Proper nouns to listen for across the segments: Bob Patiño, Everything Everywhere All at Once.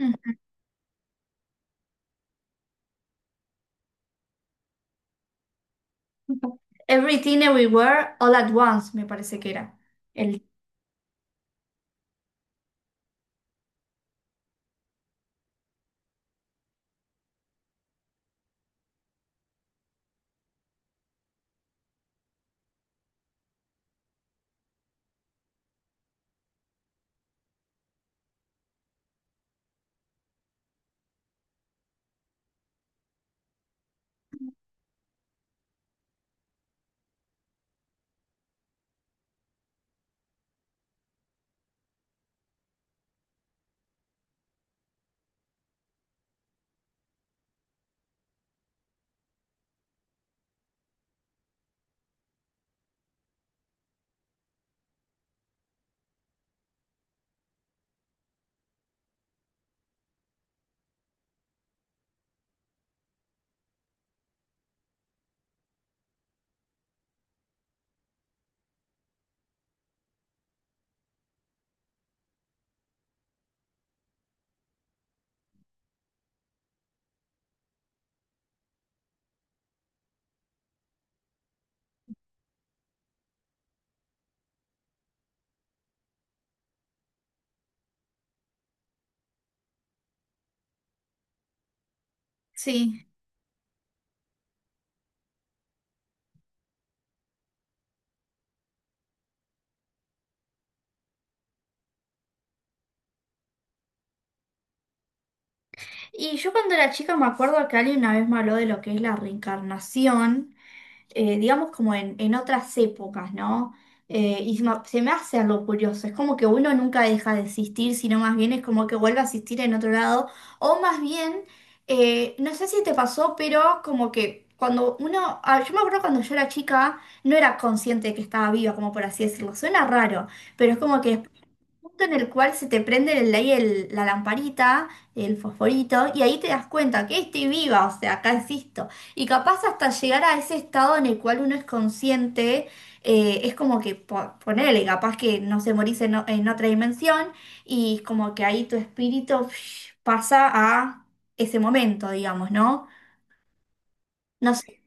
Mm. Everything Everywhere All at Once, me parece que era. El... Sí. Y yo cuando era chica me acuerdo que alguien una vez me habló de lo que es la reencarnación, digamos como en otras épocas, ¿no? Y se me hace algo curioso, es como que uno nunca deja de existir, sino más bien es como que vuelve a existir en otro lado, o más bien, no sé si te pasó, pero como que cuando uno, ah, yo me acuerdo cuando yo era chica, no era consciente de que estaba viva, como por así decirlo, suena raro, pero es como que punto en el cual se te prende ahí la lamparita, el fosforito, y ahí te das cuenta que estoy viva, o sea, acá existo. Y capaz hasta llegar a ese estado en el cual uno es consciente, es como que ponele, capaz que no se morís en, en otra dimensión, y como que ahí tu espíritu psh, pasa a ese momento, digamos, ¿no? No sé.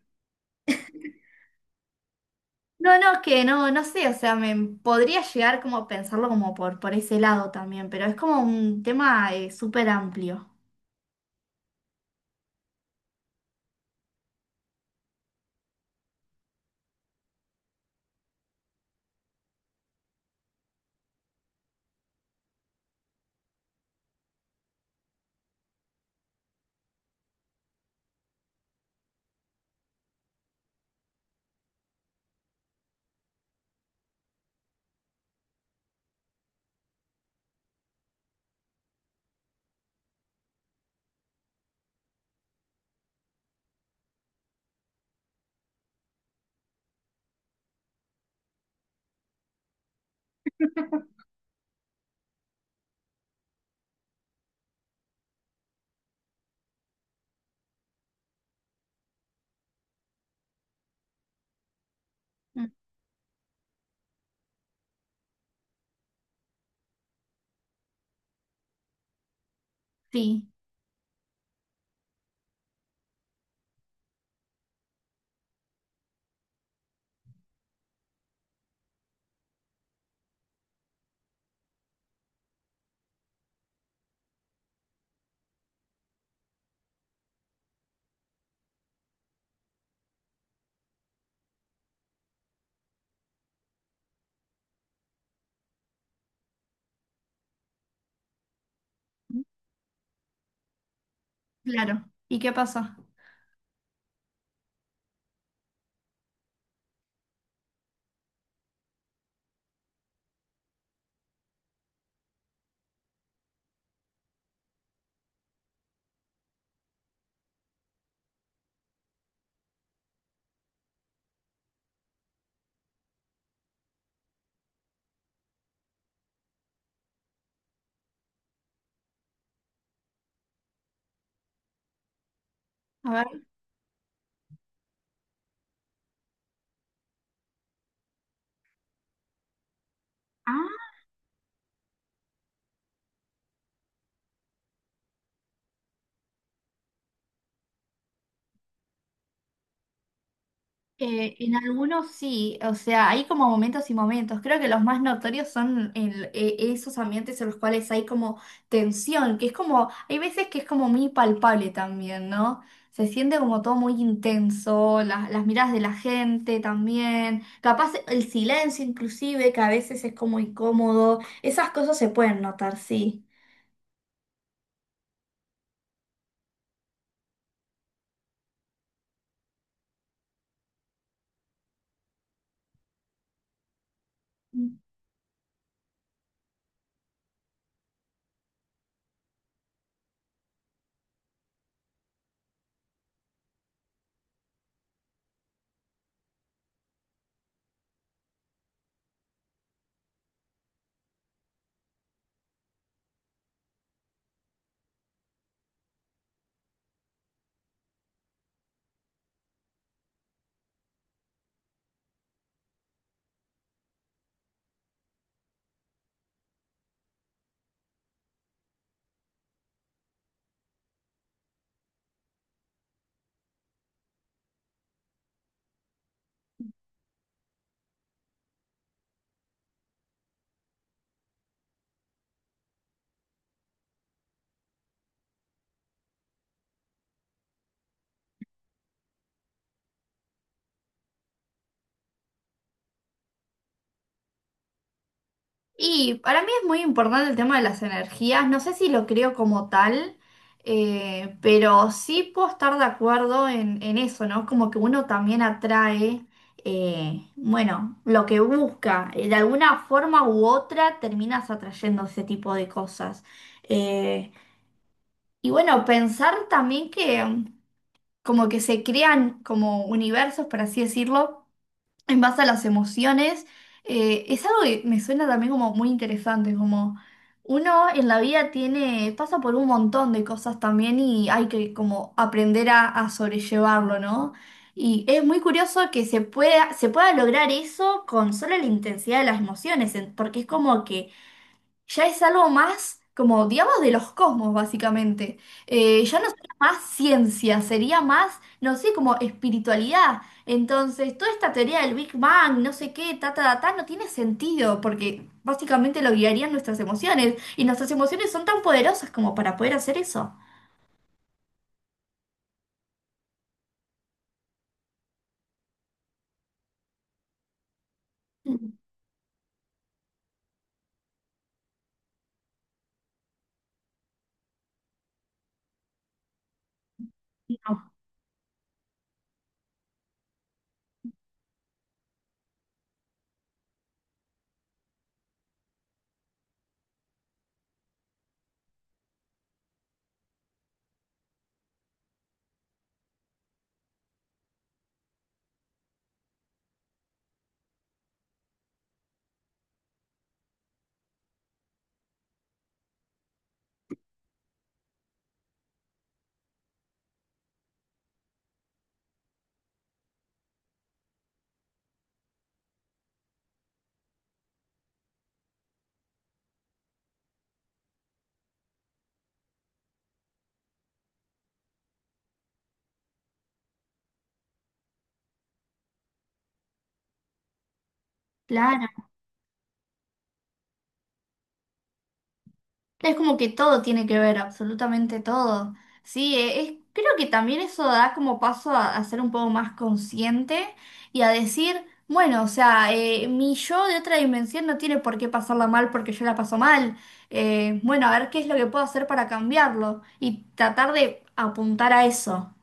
No, no, es que no, no sé, o sea, me podría llegar como a pensarlo como por ese lado también, pero es como un tema súper amplio. Mm. Sí, claro. ¿Y qué pasó? A ver. Ah, en algunos sí, o sea, hay como momentos y momentos. Creo que los más notorios son en, esos ambientes en los cuales hay como tensión, que es como, hay veces que es como muy palpable también, ¿no? Se siente como todo muy intenso, las miradas de la gente también, capaz el silencio inclusive, que a veces es como incómodo. Esas cosas se pueden notar, sí. Y para mí es muy importante el tema de las energías. No sé si lo creo como tal, pero sí puedo estar de acuerdo en eso, ¿no? Como que uno también atrae, bueno, lo que busca. De alguna forma u otra terminas atrayendo ese tipo de cosas. Eh, y bueno, pensar también que mm, como que se crean como universos, por así decirlo en base a las emociones. Es algo que me suena también como muy interesante, como uno en la vida tiene, pasa por un montón de cosas también y hay que como aprender a sobrellevarlo, ¿no? Y es muy curioso que se pueda lograr eso con solo la intensidad de las emociones, en- porque es como que ya es algo más, como digamos, de los cosmos, básicamente. Ya no sería más ciencia, sería más, no sé, como espiritualidad. Entonces, toda esta teoría del Big Bang, no sé qué, ta, ta, ta, ta, no tiene sentido, porque básicamente lo guiarían nuestras emociones, y nuestras emociones son tan poderosas como para poder hacer eso. Mm. No, claro. Es como que todo tiene que ver, absolutamente todo. Sí, es, creo que también eso da como paso a ser un poco más consciente y a decir, bueno, o sea, mi yo de otra dimensión no tiene por qué pasarla mal porque yo la paso mal. Bueno, a ver qué es lo que puedo hacer para cambiarlo y tratar de apuntar a eso.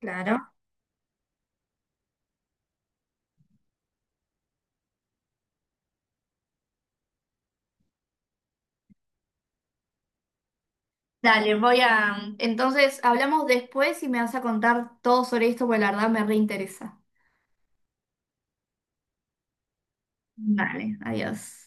Claro. Dale, voy a... Entonces, hablamos después y me vas a contar todo sobre esto porque la verdad me reinteresa. Vale, adiós.